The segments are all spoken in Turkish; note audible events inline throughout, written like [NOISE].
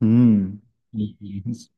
Hmm, bildiğiniz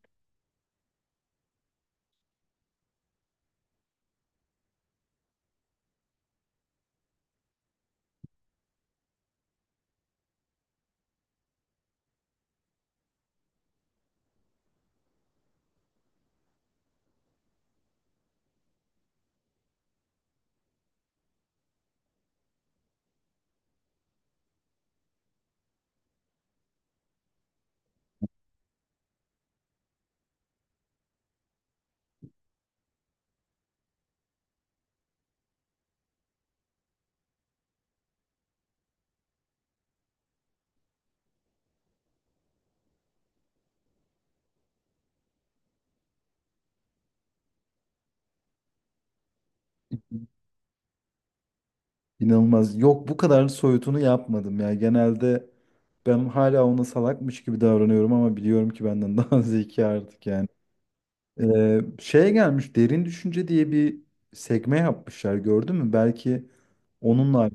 inanılmaz. Yok, bu kadar soyutunu yapmadım ya. Genelde ben hala ona salakmış gibi davranıyorum ama biliyorum ki benden [LAUGHS] daha zeki artık yani. Şeye gelmiş, derin düşünce diye bir sekme yapmışlar, gördün mü? Belki onunla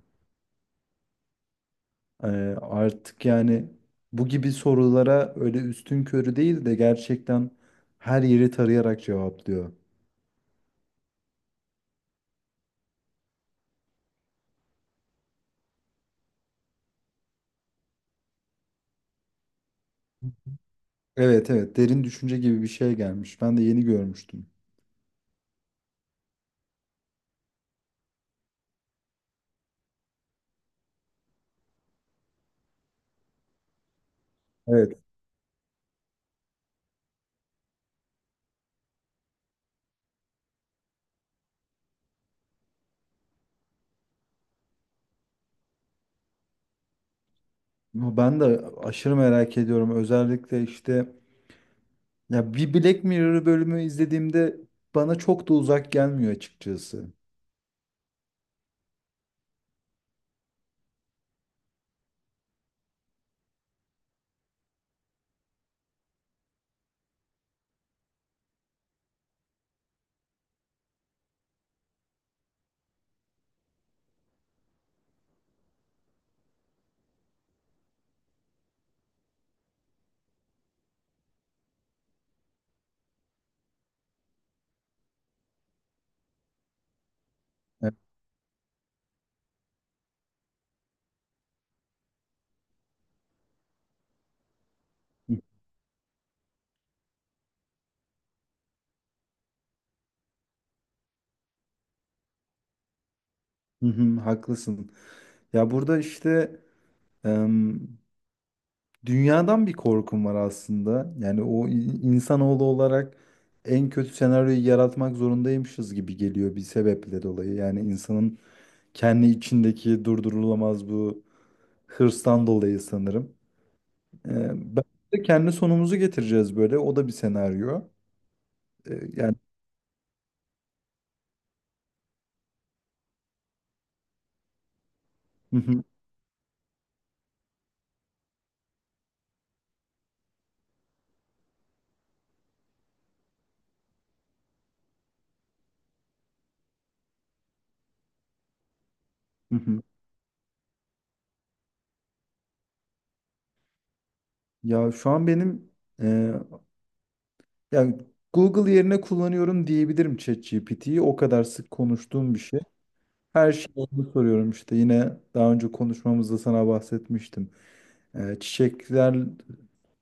e, artık yani bu gibi sorulara öyle üstün körü değil de gerçekten her yeri tarayarak cevaplıyor. Evet evet, derin düşünce gibi bir şey gelmiş. Ben de yeni görmüştüm. Evet. Ya ben de aşırı merak ediyorum. Özellikle işte ya bir Black Mirror bölümü izlediğimde bana çok da uzak gelmiyor açıkçası. Evet. Hı hı, haklısın. Ya burada işte em, dünyadan bir korkum var aslında. Yani o insanoğlu olarak en kötü senaryoyu yaratmak zorundaymışız gibi geliyor bir sebeple dolayı. Yani insanın kendi içindeki durdurulamaz bu hırstan dolayı sanırım. Ee, Ben de kendi sonumuzu getireceğiz böyle. O da bir senaryo. Ee, yani Hı hı, hı hı. Ya şu an benim, e, yani Google yerine kullanıyorum diyebilirim ChatGPT'yi. O kadar sık konuştuğum bir şey. Her şeyi ona soruyorum işte. Yine daha önce konuşmamızda sana bahsetmiştim. Ee, çiçekler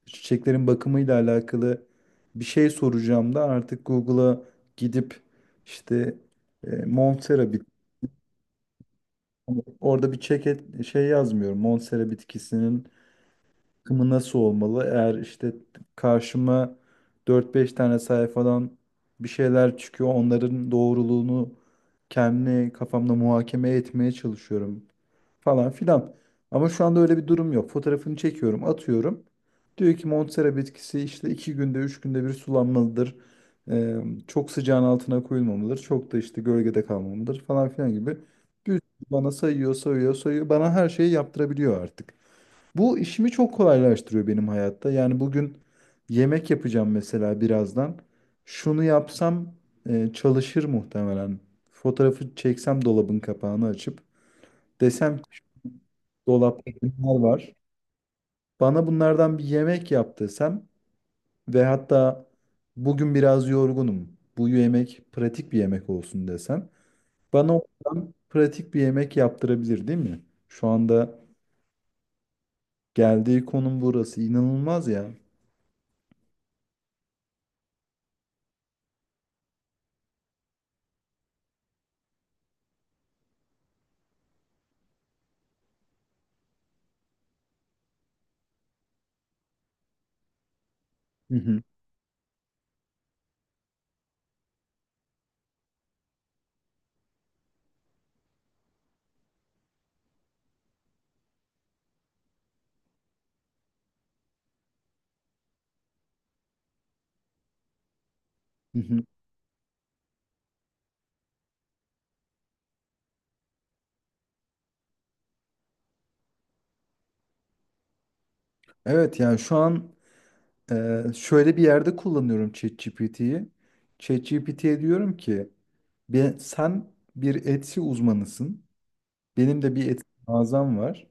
çiçeklerin bakımıyla alakalı bir şey soracağım da artık Google'a gidip işte, Montera. Hani orada bir çeket şey yazmıyorum. Monstera bitkisinin akımı nasıl olmalı? Eğer işte karşıma dört beş tane sayfadan bir şeyler çıkıyor, onların doğruluğunu kendi kafamda muhakeme etmeye çalışıyorum falan filan. Ama şu anda öyle bir durum yok. Fotoğrafını çekiyorum, atıyorum. Diyor ki Monstera bitkisi işte iki günde, üç günde bir sulanmalıdır. Ee, Çok sıcağın altına koyulmamalıdır. Çok da işte gölgede kalmamalıdır falan filan gibi. Bir sürü bana sayıyor, sayıyor, sayıyor. Bana her şeyi yaptırabiliyor artık. Bu işimi çok kolaylaştırıyor benim hayatta. Yani bugün yemek yapacağım mesela birazdan. Şunu yapsam çalışır muhtemelen. Fotoğrafı çeksem, dolabın kapağını açıp desem ki "Şu dolapta bunlar var. Bana bunlardan bir yemek yap" desem ve hatta bugün biraz yorgunum, bu yemek pratik bir yemek olsun desem, bana oradan pratik bir yemek yaptırabilir değil mi? Şu anda geldiği konum burası. İnanılmaz ya. Hı hı. Hı hı. Evet yani şu an şöyle bir yerde kullanıyorum ChatGPT'yi. ChatGPT'ye diyorum ki: Sen bir Etsy uzmanısın. Benim de bir Etsy mağazam var.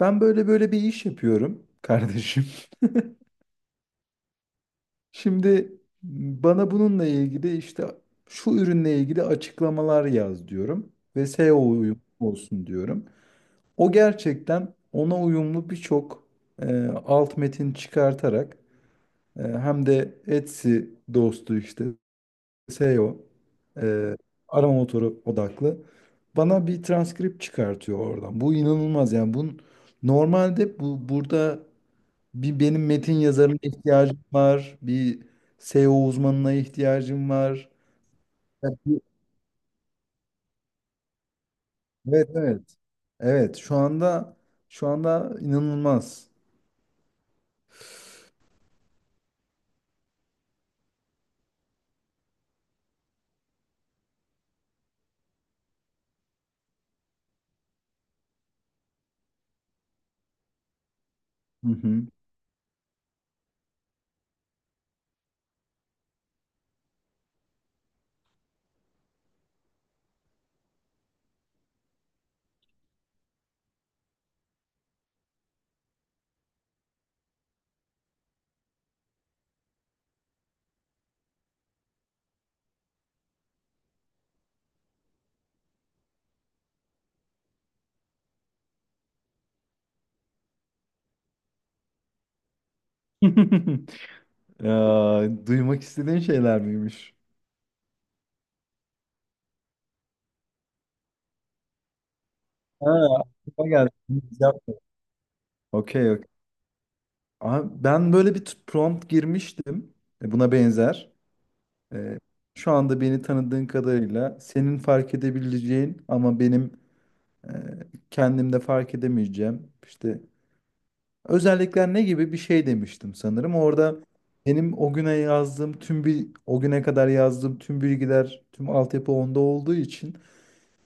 Ben böyle böyle bir iş yapıyorum kardeşim." [LAUGHS] Şimdi bana bununla ilgili işte şu ürünle ilgili açıklamalar yaz diyorum ve SEO uyumlu olsun diyorum. O gerçekten ona uyumlu birçok alt metin çıkartarak, hem de Etsy dostu, işte SEO, e, O, e, arama motoru odaklı. Bana bir transkript çıkartıyor oradan. Bu inanılmaz yani. Bunun normalde, bu burada, benim metin yazarına ihtiyacım var. Bir SEO uzmanına ihtiyacım var. Ya bu- Evet evet. Evet şu anda inanılmaz. Hı hı. [LAUGHS] Ya, duymak istediğin şeyler miymiş? Ha, aklıma geldi. Okey, okey. Aha, ben böyle bir prompt girmiştim. Buna benzer. E, Şu anda beni tanıdığın kadarıyla senin fark edebileceğin ama benim e, kendimde fark edemeyeceğim işte özellikler ne gibi bir şey demiştim sanırım. Orada benim o güne kadar yazdığım tüm bilgiler, tüm altyapı onda olduğu için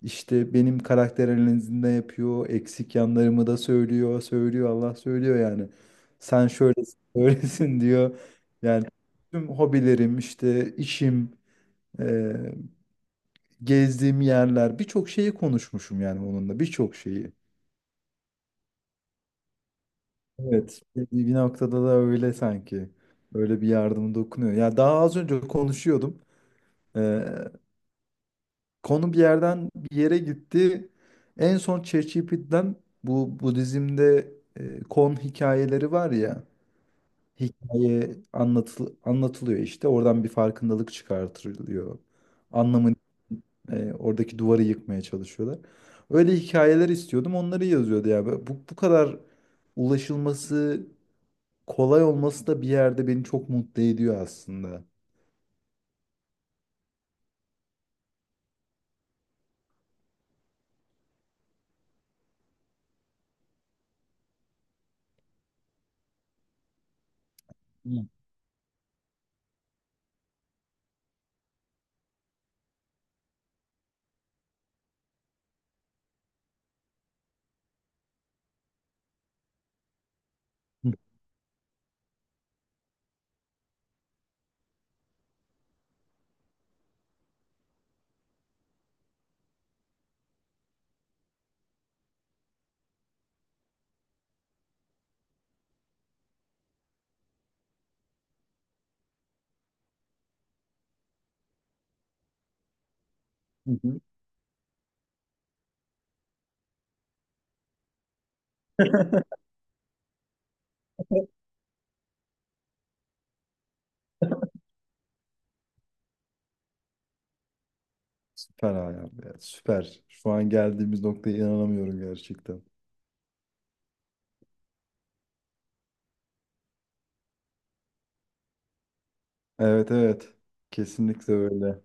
İşte benim karakter analizini de yapıyor. Eksik yanlarımı da söylüyor. Söylüyor Allah söylüyor yani. Sen şöylesin [LAUGHS] böylesin diyor. Yani tüm hobilerim, işte işim, e, gezdiğim yerler, birçok şeyi konuşmuşum yani onunla, birçok şeyi. Evet, bir noktada da öyle sanki. Öyle bir yardım dokunuyor. Ya daha az önce konuşuyordum. E, Konu bir yerden bir yere gitti. En son ChatGPT'den, bu Budizm'de kon hikayeleri var ya. Hikaye anlatılıyor işte. Oradan bir farkındalık çıkartılıyor. Anlamını, oradaki duvarı yıkmaya çalışıyorlar. Öyle hikayeler istiyordum. Onları yazıyordu ya. Böyle bu kadar ulaşılması kolay olması da bir yerde beni çok mutlu ediyor aslında. Hı. Hı hı. Süper Ayhan ya. Süper. Şu an geldiğimiz noktaya inanamıyorum gerçekten. Evet evet. Kesinlikle öyle.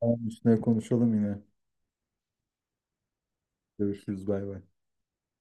Tamam, üstüne konuşalım yine. Görüşürüz. Bay bay.